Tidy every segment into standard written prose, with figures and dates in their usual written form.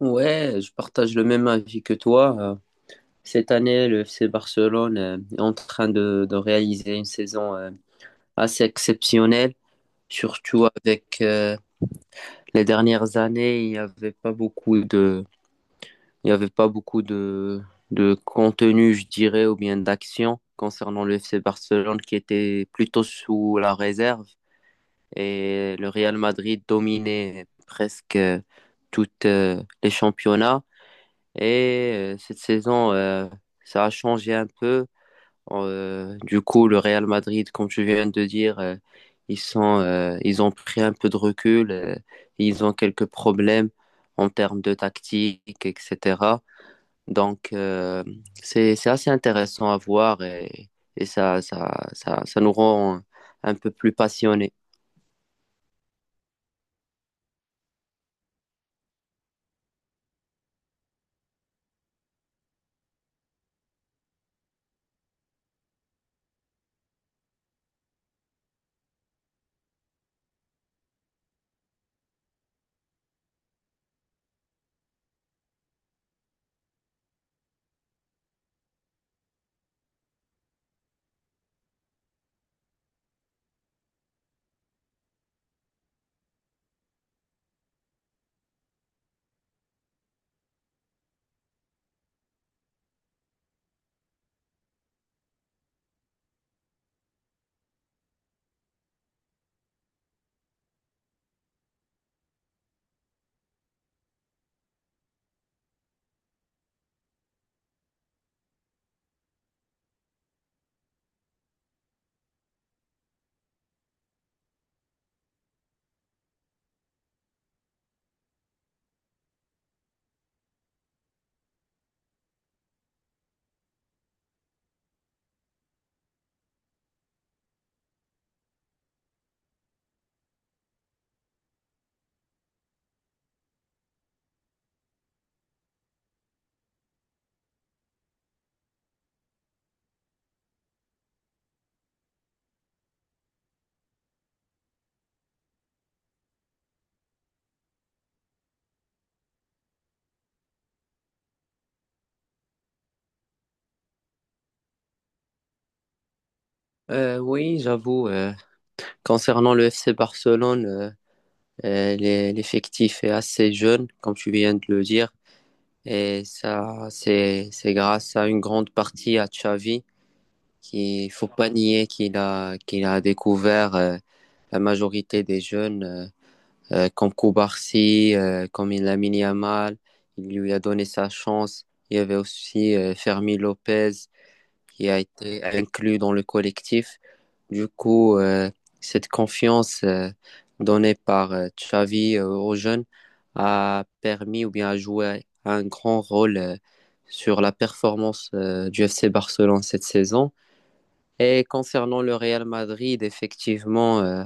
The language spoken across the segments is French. Ouais, je partage le même avis que toi. Cette année, le FC Barcelone est en train de réaliser une saison assez exceptionnelle, surtout avec les dernières années, il n'y avait pas beaucoup de, il y avait pas beaucoup de contenu, je dirais, ou bien d'action concernant le FC Barcelone qui était plutôt sous la réserve et le Real Madrid dominait presque toutes les championnats. Cette saison, ça a changé un peu. Du coup, le Real Madrid, comme tu viens de dire, ils ont pris un peu de recul. Ils ont quelques problèmes en termes de tactique, etc. Donc, c'est assez intéressant à voir, et et, ça nous rend un peu plus passionnés. Oui, j'avoue, concernant le FC Barcelone. L'effectif est assez jeune, comme tu viens de le dire, et ça, c'est grâce à une grande partie à Xavi, qui faut pas nier qu'il a découvert la majorité des jeunes, comme Koubarsi, comme Lamine Yamal, il lui a donné sa chance. Il y avait aussi Fermi Lopez, qui a été inclus dans le collectif. Du coup, cette confiance donnée par Xavi aux jeunes a permis ou bien a joué un grand rôle sur la performance du FC Barcelone cette saison. Et concernant le Real Madrid, effectivement,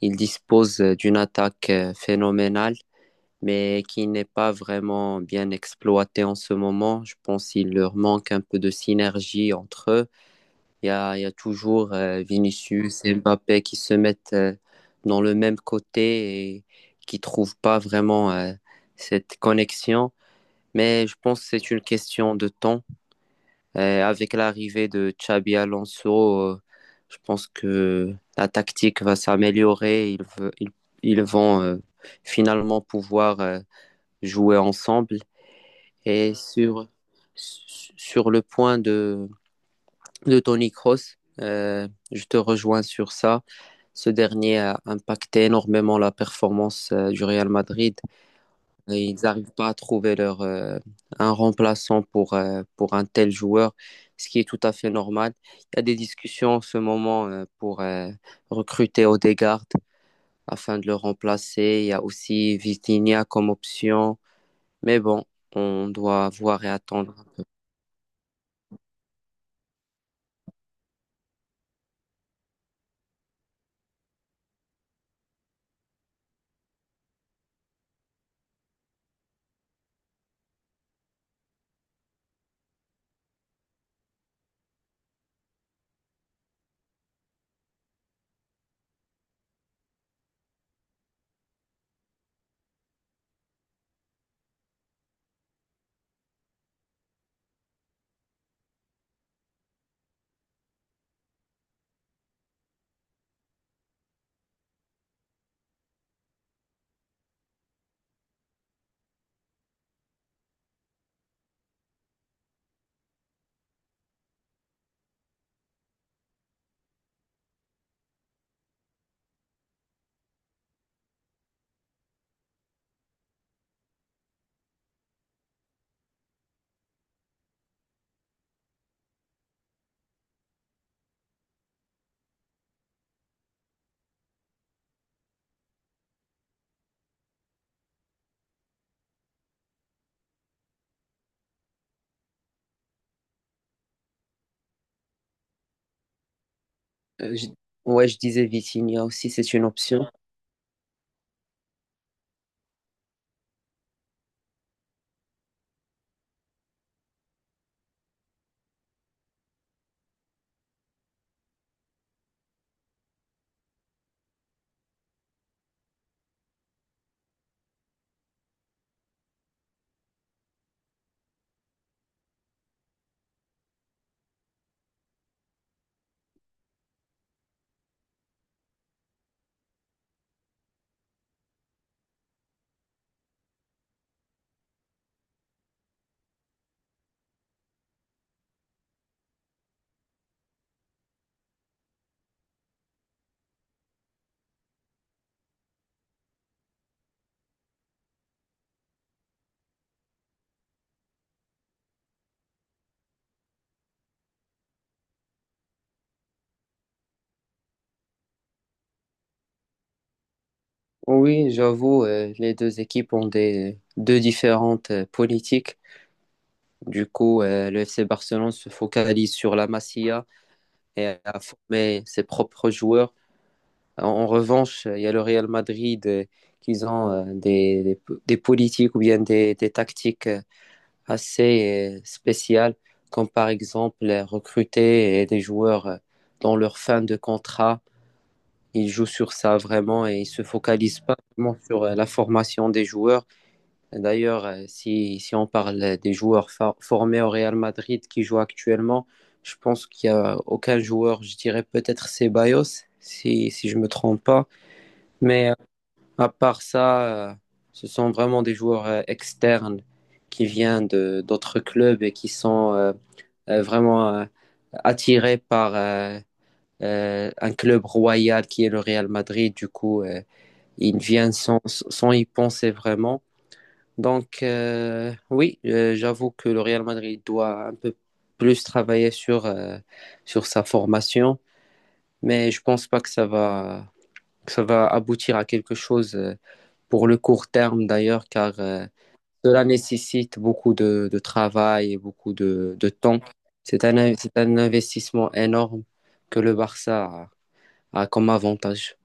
il dispose d'une attaque phénoménale, mais qui n'est pas vraiment bien exploitée en ce moment. Je pense qu'il leur manque un peu de synergie entre eux. Il y a toujours Vinicius et Mbappé qui se mettent dans le même côté et qui trouvent pas vraiment cette connexion. Mais je pense que c'est une question de temps. Avec l'arrivée de Xabi Alonso, je pense que la tactique va s'améliorer. Ils vont finalement pouvoir jouer ensemble. Et sur le point de Tony Kroos. Je te rejoins sur ça. Ce dernier a impacté énormément la performance du Real Madrid. Et ils n'arrivent pas à trouver leur, un remplaçant pour un tel joueur, ce qui est tout à fait normal. Il y a des discussions en ce moment pour recruter Odegaard afin de le remplacer. Il y a aussi Vitinha comme option. Mais bon, on doit voir et attendre. Euh, je- ouais, je disais Vitinha aussi, c'est une option. Oui, j'avoue, les deux équipes ont des deux différentes politiques. Du coup, le FC Barcelone se focalise sur la Masia et à former ses propres joueurs. En revanche, il y a le Real Madrid qui ont des politiques ou bien des tactiques assez spéciales, comme par exemple recruter des joueurs dans leur fin de contrat. Ils jouent sur ça vraiment et ils se focalisent pas vraiment sur la formation des joueurs. D'ailleurs, si on parle des joueurs formés au Real Madrid qui jouent actuellement, je pense qu'il n'y a aucun joueur, je dirais peut-être Ceballos, si je ne me trompe pas. Mais à part ça, ce sont vraiment des joueurs externes qui viennent de d'autres clubs et qui sont vraiment attirés par un club royal qui est le Real Madrid. Du coup, ils viennent sans y penser vraiment. Donc, oui, j'avoue que le Real Madrid doit un peu plus travailler sur sa formation, mais je pense pas que ça va aboutir à quelque chose pour le court terme d'ailleurs, car cela nécessite beaucoup de travail et beaucoup de temps. C'est un investissement énorme que le Barça a comme avantage.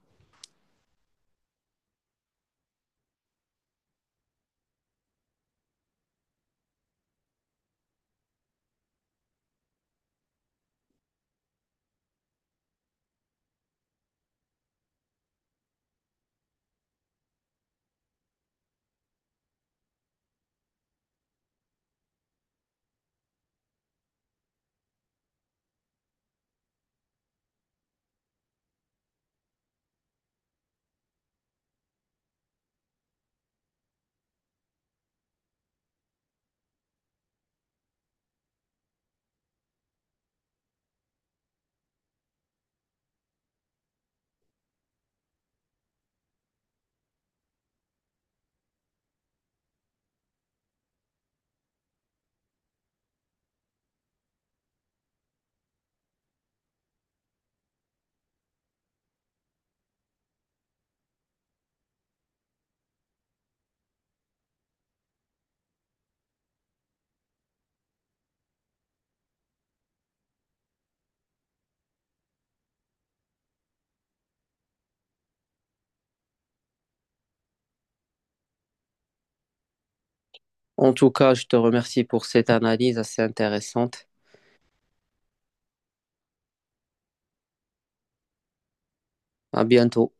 En tout cas, je te remercie pour cette analyse assez intéressante. À bientôt.